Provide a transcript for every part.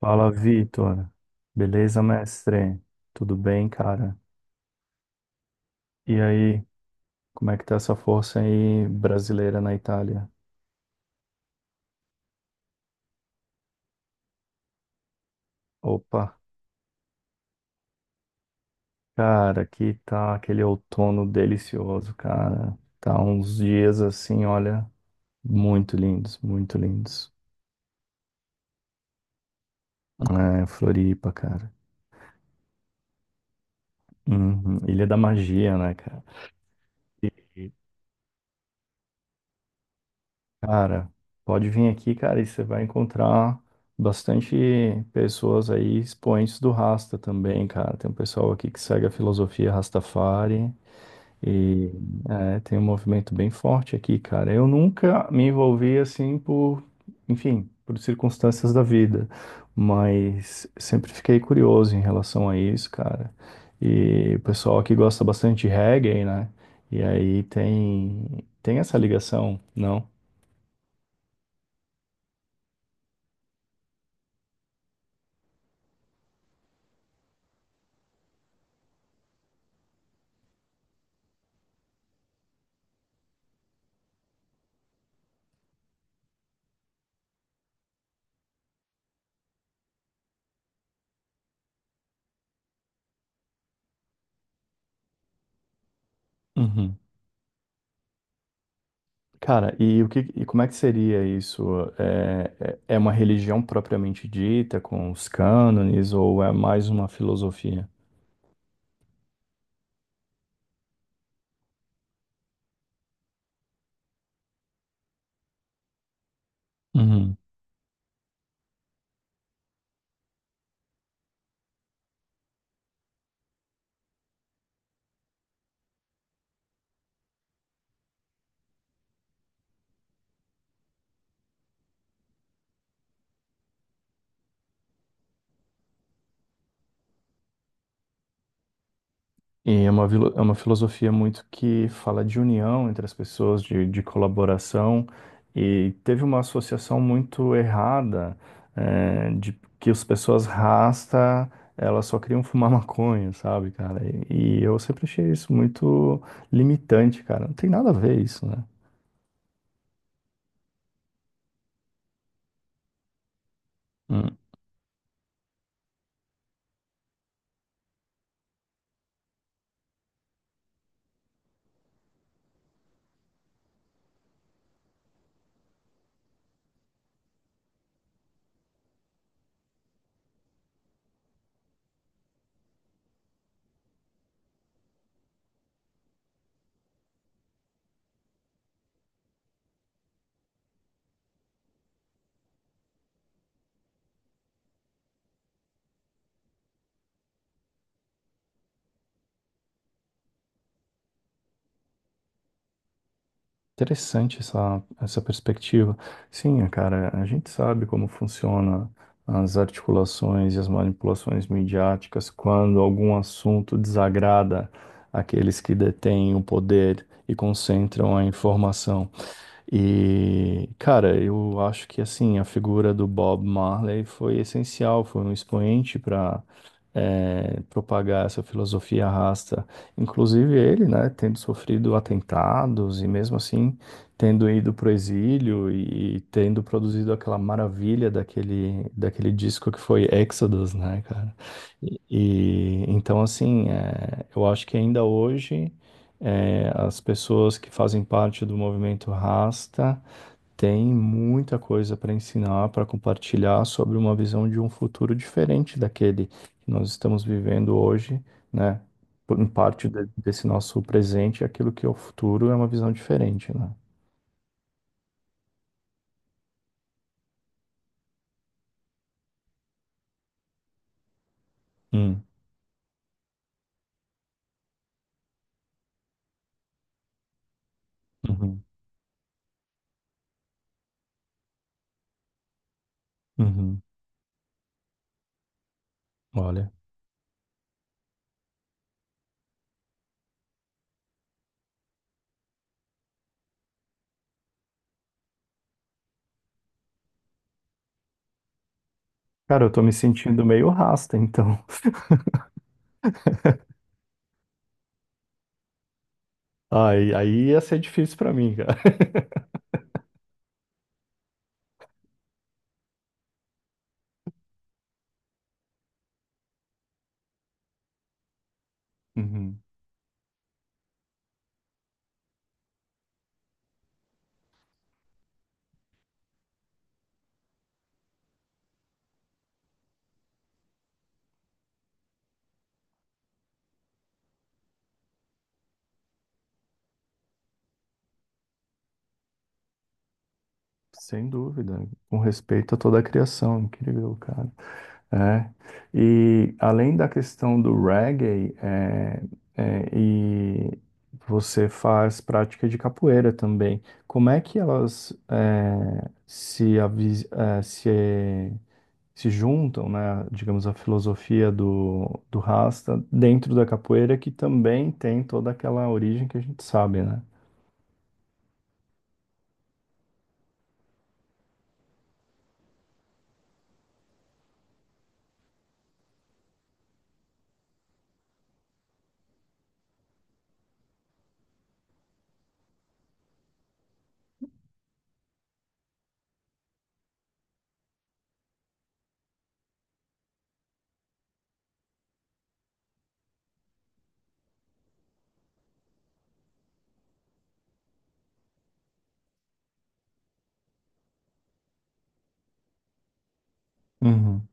Fala, Vitor. Beleza, mestre? Tudo bem, cara? E aí, como é que tá essa força aí brasileira na Itália? Opa, cara, aqui tá aquele outono delicioso, cara. Tá uns dias assim, olha, muito lindos, muito lindos. É, Floripa, cara. Uhum. Ilha da Magia, né, cara? E cara, pode vir aqui, cara, e você vai encontrar bastante pessoas aí, expoentes do Rasta também, cara. Tem um pessoal aqui que segue a filosofia Rastafari e tem um movimento bem forte aqui, cara. Eu nunca me envolvi assim enfim, por circunstâncias da vida, mas sempre fiquei curioso em relação a isso, cara. E o pessoal aqui gosta bastante de reggae, né? E aí tem essa ligação, não? Uhum. Cara, e como é que seria isso? É, é uma religião propriamente dita, com os cânones, ou é mais uma filosofia? Uhum. E é uma, é uma filosofia muito que fala de união entre as pessoas, de colaboração, e teve uma associação muito errada, de que as pessoas rasta, elas só queriam fumar maconha, sabe, cara? E eu sempre achei isso muito limitante, cara. Não tem nada a ver isso, né? Interessante essa perspectiva. Sim, cara, a gente sabe como funciona as articulações e as manipulações midiáticas quando algum assunto desagrada aqueles que detêm o poder e concentram a informação. E, cara, eu acho que assim, a figura do Bob Marley foi essencial, foi um expoente para propagar essa filosofia rasta. Inclusive ele, né, tendo sofrido atentados e mesmo assim tendo ido para o exílio e tendo produzido aquela maravilha daquele disco que foi Exodus, né, cara? Então, assim, é, eu acho que ainda hoje. É, as pessoas que fazem parte do movimento Rasta têm muita coisa para ensinar, para compartilhar sobre uma visão de um futuro diferente daquele que nós estamos vivendo hoje, né? Em parte desse nosso presente, aquilo que é o futuro é uma visão diferente, né? Hum, uhum, uhum. Olha. Cara, eu tô me sentindo meio rasta, então. Aí ia ser difícil para mim, cara. Uhum. Sem dúvida. Com respeito a toda a criação. Incrível, cara. É. E além da questão do reggae, e você faz prática de capoeira também. Como é que elas é, se, avis- é, se juntam, né? Digamos, a filosofia do Rasta dentro da capoeira, que também tem toda aquela origem que a gente sabe, né? Uhum,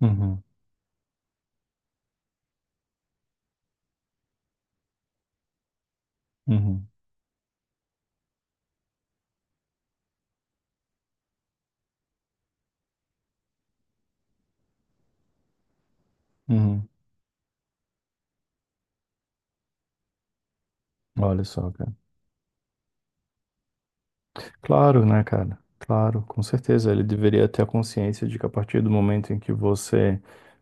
uhum, uhum, uhum. Olha só. Claro, né, cara? Claro, com certeza. Ele deveria ter a consciência de que a partir do momento em que você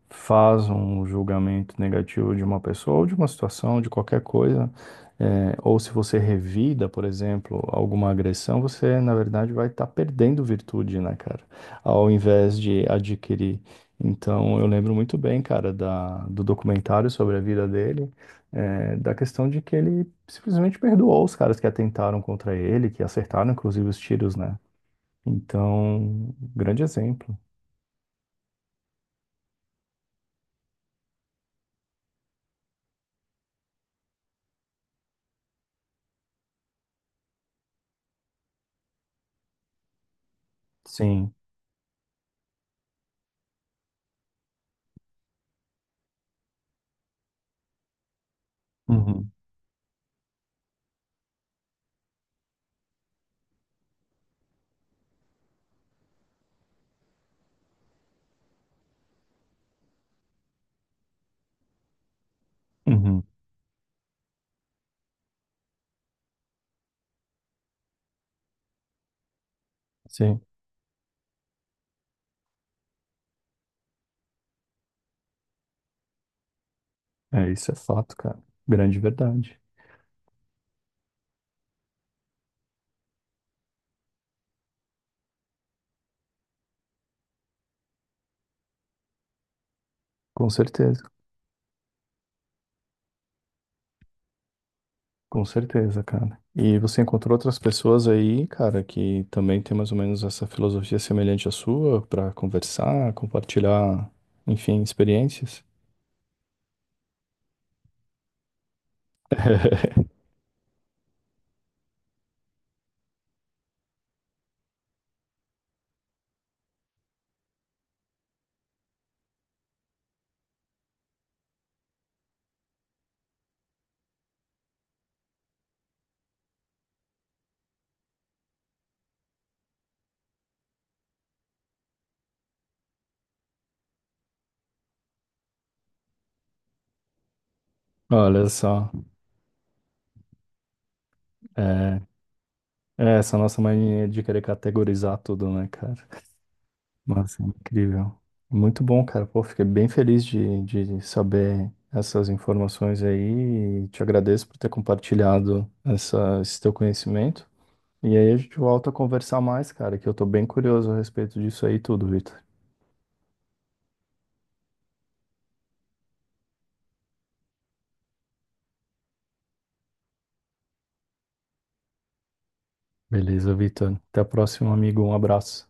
faz um julgamento negativo de uma pessoa ou de uma situação, de qualquer coisa, ou se você revida, por exemplo, alguma agressão, você, na verdade, vai estar perdendo virtude, né, cara? Ao invés de adquirir. Então, eu lembro muito bem, cara, do documentário sobre a vida dele da questão de que ele simplesmente perdoou os caras que atentaram contra ele, que acertaram inclusive os tiros, né? Então, grande exemplo. Sim. Uhum. Uhum. Sim. É, isso é fato, cara. Grande verdade. Com certeza. Com certeza, cara. E você encontrou outras pessoas aí, cara, que também tem mais ou menos essa filosofia semelhante à sua, pra conversar, compartilhar, enfim, experiências? Olha só. É. É, essa nossa mania de querer categorizar tudo, né, cara? Nossa, é incrível. Muito bom, cara. Pô, fiquei bem feliz de saber essas informações aí e te agradeço por ter compartilhado essa, esse teu conhecimento. E aí a gente volta a conversar mais, cara, que eu tô bem curioso a respeito disso aí tudo, Vitor. Beleza, Vitor. Até a próxima, amigo. Um abraço.